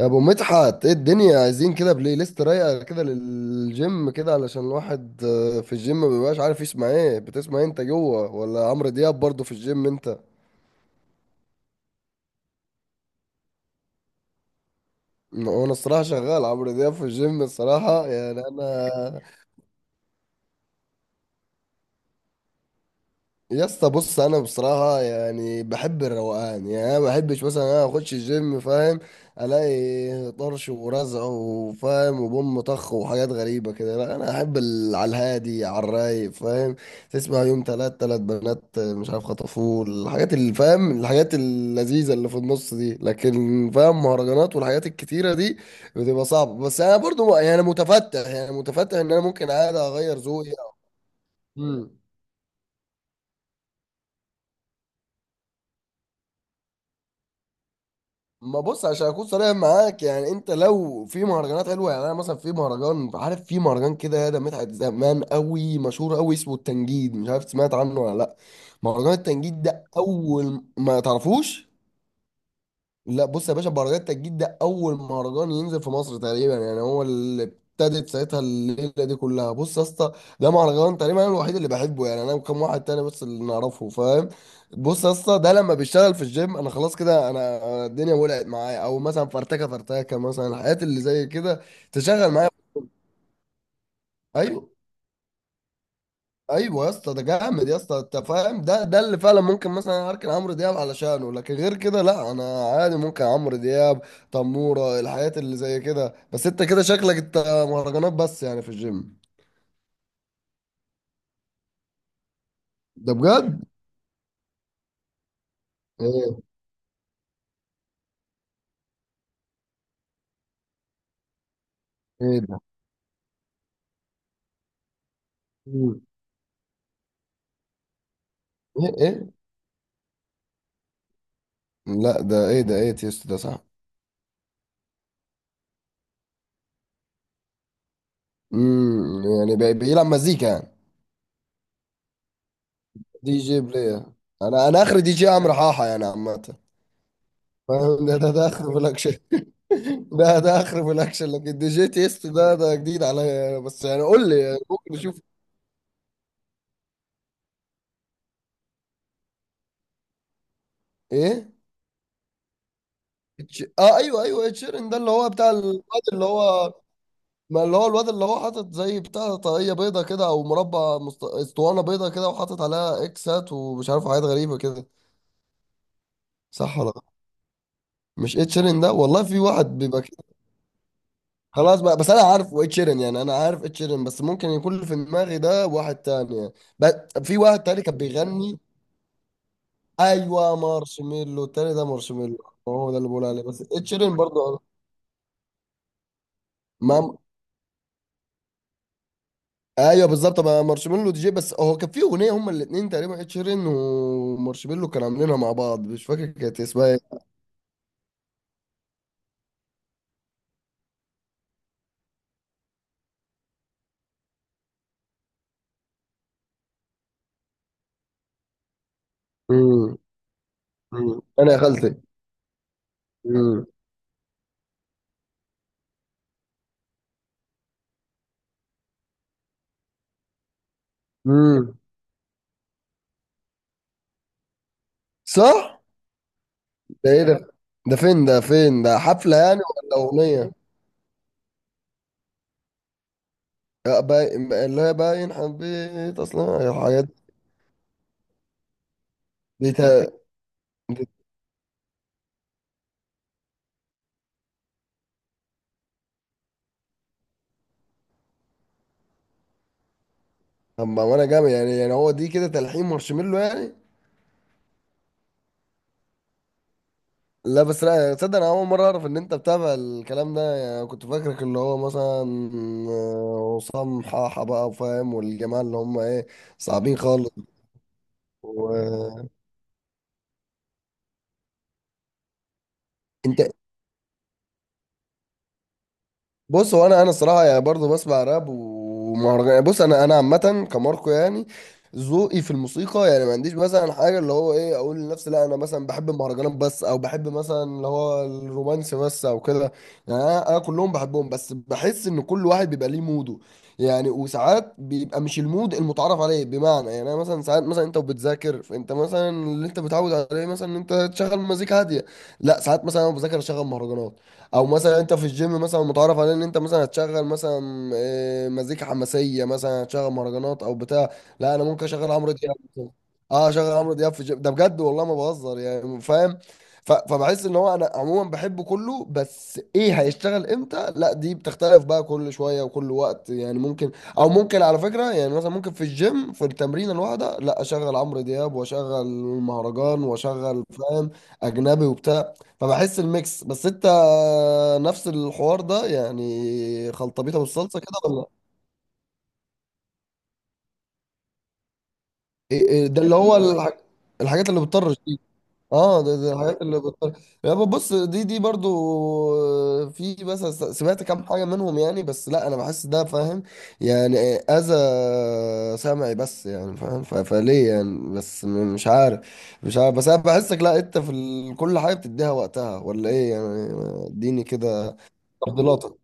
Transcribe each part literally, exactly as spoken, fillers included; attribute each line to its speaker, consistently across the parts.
Speaker 1: يا ابو مدحت، ايه الدنيا؟ عايزين كده بلاي ليست رايقه كده للجيم كده علشان الواحد آه، في الجيم ما بيبقاش عارف يسمع ايه. بتسمع إيه انت جوه؟ ولا عمرو دياب برضه في الجيم انت؟ م- وانا الصراحه شغال عمرو دياب في الجيم الصراحه يعني انا. يا اسطى بص، انا بصراحه يعني بحب الروقان، يعني انا ما بحبش مثلا انا اخش الجيم فاهم، الاقي طرش ورزع وفاهم وبوم طخ وحاجات غريبه كده. لا، انا احب ال- على الهادي على الرايق فاهم، تسمع يوم تلات تلات بنات مش عارف خطفوه، الحاجات اللي فاهم الحاجات اللذيذه اللي في النص دي. لكن فاهم مهرجانات والحاجات الكتيره دي بتبقى صعبه، بس انا برضو يعني متفتح، يعني متفتح ان انا ممكن عادي اغير ذوقي. ما بص، عشان اكون صريح معاك يعني، انت لو في مهرجانات حلوه يعني، انا مثلا في مهرجان عارف، في مهرجان كده ده مدحت زمان قوي مشهور قوي اسمه التنجيد، مش عارف سمعت عنه ولا لا. مهرجان التنجيد ده اول ما تعرفوش؟ لا بص يا باشا، مهرجان التجديد ده اول مهرجان ينزل في مصر تقريبا يعني، هو اللي ابتدت ساعتها الليله دي كلها. بص يا اسطى، ده مهرجان تقريبا انا الوحيد اللي بحبه يعني، انا وكم واحد تاني بس اللي نعرفه فاهم. بص يا اسطى، ده لما بيشتغل في الجيم انا خلاص كده، انا أنا الدنيا ولعت معايا، او مثلا فرتكه فرتكه مثلا، الحاجات اللي زي كده تشغل معايا. ايوه. ايوه يا اسطى، ده جامد يا اسطى، انت فاهم، ده ده اللي فعلا ممكن مثلا اركن عمرو دياب علشانه، لكن غير كده لا، انا عادي ممكن عمرو دياب تموره الحاجات اللي زي كده. بس انت كده شكلك انت مهرجانات بس يعني في الجيم. ده بجد؟ ايه؟ ايه ده؟ مم. ايه ايه. لا ده ايه؟ ده ايه تيست؟ ده صح؟ امم، يعني بي- بيلعب مزيكا يعني؟ دي جي بلاير. انا انا اخر دي جي عمرو حاحه يعني عامه، فاهم، ده ده, ده اخر بلاك. ده ده اخر في الاكشن، لكن دي جي تيست ده ده جديد عليا أنا، بس يعني قول لي يعني ممكن نشوف. ايه؟ اتش- اه ايوه ايوه اتشيرن، ده اللي هو بتاع الواد اللي هو، ما اللي هو الواد اللي هو حاطط زي بتاع طاقية بيضة كده، او مربع مست... اسطوانة بيضة كده وحاطط عليها اكسات ومش عارف حاجات غريبة كده. صح ولا لا؟ مش اتشيرن ده؟ والله في واحد بيبقى كده. خلاص بقى، بس انا عارفه اتشيرن يعني، انا عارف اتشيرن، بس ممكن يكون اللي في دماغي ده واحد تاني يعني. ب- في واحد تاني كان بيغني. ايوه مارشميلو، التاني ده مارشميلو. هو ده اللي بقول عليه، بس اتشيرين برضه آه. ما ايوه بالظبط، ما مارشميلو دي جي، بس هو كان في اغنيه هما الاثنين تقريبا، اتشيرين ومارشميلو كانوا عاملينها مع بعض، مش فاكر كانت اسمها ايه. مم. مم. انا يا خالتي. مم. مم. صح. ده ايه ده؟ ده فين؟ ده فين؟ ده حفله يعني ولا اغنيه؟ لا باين، اللي هي باين حبيت اصلا الحاجات. دي تا- دي- طب ما انا جامد يعني، يعني هو دي كده تلحين مارشميلو يعني؟ لا بس لا تصدق، انا اول مره اعرف ان انت بتابع الكلام ده يعني، كنت فاكرك اللي هو مثلا آه، عصام حاحه بقى وفاهم والجماعه اللي هم ايه، صعبين خالص. وانت؟ بص هو انا انا الصراحه يعني برضه بسمع راب ومهرجان يعني. بص انا انا عامه كماركو يعني، ذوقي في الموسيقى يعني ما عنديش مثلا حاجه اللي هو ايه اقول لنفسي لا انا مثلا بحب المهرجانات بس، او بحب مثلا اللي هو الرومانسي بس او كده. يعني انا أنا كلهم بحبهم، بس بحس ان كل واحد بيبقى ليه موده يعني. وساعات بيبقى مش المود المتعارف عليه، بمعنى يعني انا مثلا ساعات مثلا انت وبتذاكر، فانت مثلا اللي انت متعود عليه مثلا ان انت تشغل مزيكا هاديه. لا، ساعات مثلا انا بذاكر اشغل مهرجانات، او مثلا انت في الجيم مثلا متعرف على ان انت مثلا هتشغل مثلا آه، مزيكا حماسيه، مثلا هتشغل مهرجانات او بتاع. لا انا ممكن اشغل عمرو دياب مثلاً. اه اشغل عمرو دياب في الجيم، ده بجد والله ما بهزر يعني فاهم. ف- فبحس ان هو انا عموما بحبه كله، بس ايه هيشتغل امتى لا دي بتختلف بقى كل شويه وكل وقت يعني ممكن. او ممكن على فكره يعني، مثلا ممكن في الجيم في التمرين الواحده لا اشغل عمرو دياب واشغل المهرجان واشغل فاهم اجنبي وبتاع، فبحس الميكس. بس انت نفس الحوار ده يعني؟ خلطبيطه بالصلصه كده ولا؟ إيه إيه، ده اللي هو ايوه الح... الحاجات اللي بتطرش دي. اه ده, ده الحاجات اللي بتطرش. يابا بص، دي دي برضو في، بس سمعت كام حاجه منهم يعني. بس لا انا بحس ده فاهم يعني اذى سمعي بس يعني فاهم، ف- فليه يعني؟ بس م- مش عارف، مش عارف. بس انا بحسك لا، انت في ال... كل حاجه بتديها وقتها، ولا ايه يعني؟ اديني كده تفضيلاتك.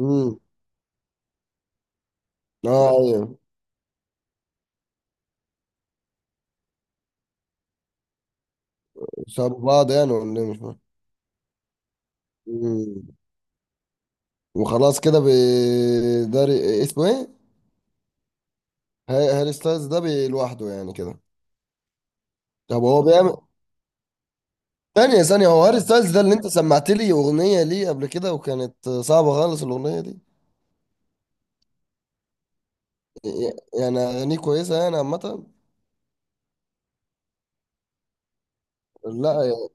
Speaker 1: امم. اه ايوه. سابوا بعض يعني ولا إيه؟ مش فاهم. مم. وخلاص كده بي، ده ري- اسمه ايه؟ ها- هاري ستايلز ده بي- لوحده يعني كده؟ طب هو بيعمل، ثانية ثانية، هو هاري ستايلز ده اللي انت سمعت لي اغنية ليه قبل كده وكانت صعبة خالص الاغنية دي؟ ي- يعني اغانيه كويسة يعني عامة؟ لا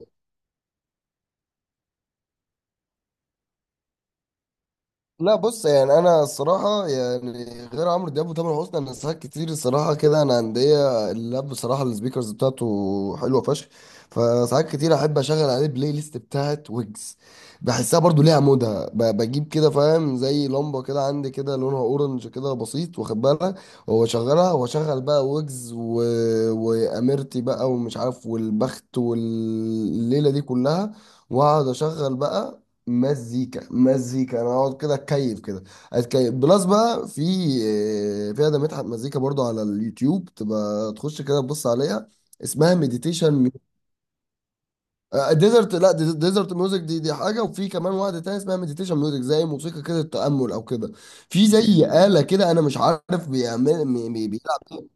Speaker 1: لا، بص يعني انا الصراحه يعني غير عمرو دياب وتامر حسني، انا ساعات كتير الصراحه كده انا عندي اللاب بصراحه السبيكرز بتاعته حلوه فشخ، فساعات كتير احب اشغل عليه البلاي ليست بتاعت ويجز. بحسها برضو ليها مودها، ب- بجيب كده فاهم زي لمبه كده عندي كده لونها اورنج كده بسيط واخد بالها، واشغلها واشغل بقى ويجز و... واميرتي بقى ومش عارف والبخت والليله دي كلها، واقعد اشغل بقى مزيكا مزيكا. انا اقعد كده اتكيف كده، اتكيف بلس بقى في آه، في ده مدحت مزيكا برضو على اليوتيوب تبقى تخش كده تبص عليها، اسمها مديتيشن ديزرت. لا ديزرت ميوزك دي دي حاجه، وفي كمان واحده تانية اسمها مديتيشن ميوزك زي موسيقى كده التامل او كده. في زي آلة كده انا مش عارف بيعمل بي- بي- بيلعب.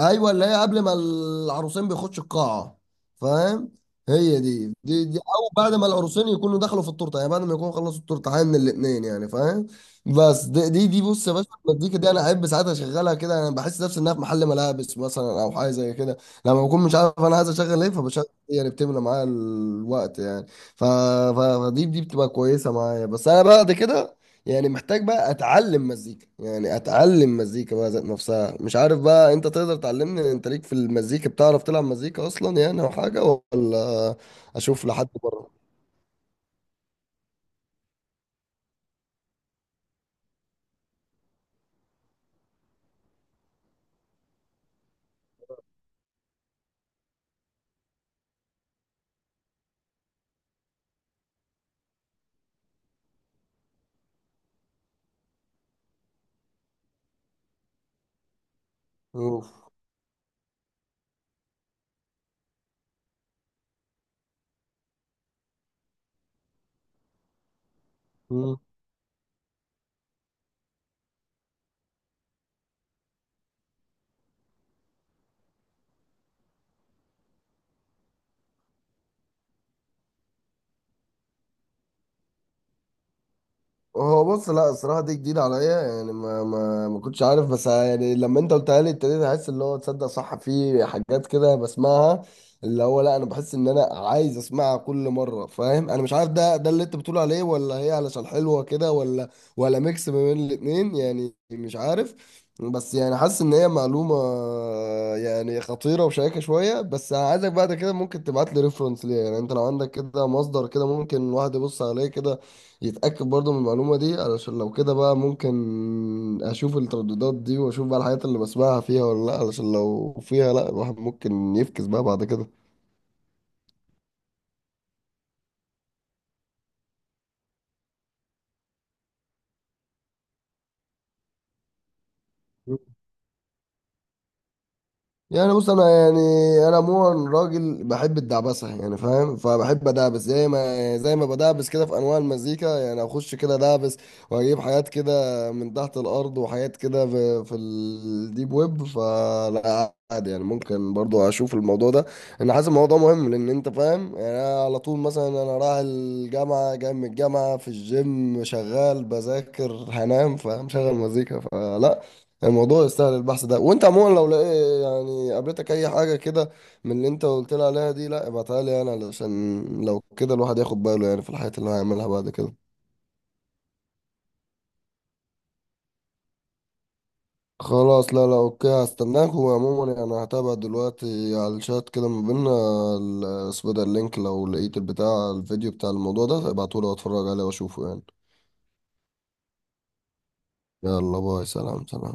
Speaker 1: ايوه، اللي هي قبل ما العروسين بيخشوا القاعه، فاهم. هي دي. دي دي، او بعد ما العروسين يكونوا دخلوا في التورته يعني، بعد ما يكونوا خلصوا التورته من الاثنين يعني فاهم. بس دي دي, دي بص يا باشا، المزيكا دي انا احب ساعات اشغلها كده، انا بحس نفسي انها في محل ملابس مثلا او حاجه زي كده، لما بكون مش عارف انا عايز اشغل ايه فبشغل. إيه يعني بتملى معايا الوقت يعني. ف... ف... فدي دي بتبقى كويسه معايا. بس انا بعد كده يعني محتاج بقى اتعلم مزيكا يعني، اتعلم مزيكا بقى ذات نفسها. مش عارف بقى انت تقدر تعلمني؟ انت ليك في المزيكا؟ بتعرف تلعب مزيكا اصلا يعني او حاجه؟ ولا اشوف لحد بره؟ هو بص لا، الصراحة دي جديدة عليا يعني، ما ما ما كنتش عارف، بس يعني لما انت قلتها لي ابتديت احس اللي هو تصدق صح، في حاجات كده بسمعها اللي هو لا انا بحس ان انا عايز اسمعها كل مرة فاهم، انا مش عارف ده ده اللي انت بتقول عليه ولا هي علشان حلوة كده، ولا ولا ميكس ما بين الاتنين يعني مش عارف. بس يعني حاسس ان هي معلومة يعني خطيرة وشيقة شوية، بس عايزك بعد كده ممكن تبعت لي ريفرنس ليها يعني، انت لو عندك كده مصدر كده ممكن الواحد يبص عليه كده يتأكد برضه من المعلومة دي، علشان لو كده بقى ممكن أشوف الترددات دي وأشوف بقى الحاجات اللي بسمعها فيها ولا لأ، علشان لو فيها لأ الواحد ممكن يفكس بقى بعد كده. يعني بص انا يعني انا عموما راجل بحب الدعبسه يعني فاهم، فبحب ادعبس زي ما زي ما بدعبس كده في انواع المزيكا يعني اخش كده دعبس واجيب حاجات كده من تحت الارض وحاجات كده في, في الديب ويب، فلا عادي يعني ممكن برضو اشوف الموضوع ده. انا حاسس الموضوع مهم لان انت فاهم يعني أنا على طول، مثلا انا رايح الجامعه جاي من الجامعه في الجيم شغال بذاكر هنام فمشغل مزيكا، فلا الموضوع يستاهل البحث ده. وانت عموما لو لقيت يعني قابلتك اي حاجه كده من اللي انت قلت لي عليها دي لا ابعتها لي انا، علشان لو كده الواحد ياخد باله يعني في الحاجات اللي هو هيعملها بعد كده. خلاص لا لا اوكي، هستناك. وعموما يعني هتابع دلوقتي على الشات كده ما بينا ال- اسمه ده اللينك، لو لقيت البتاع الفيديو بتاع الموضوع ده ابعتهولي واتفرج عليه واشوفه يعني. يلا باي، سلام سلام.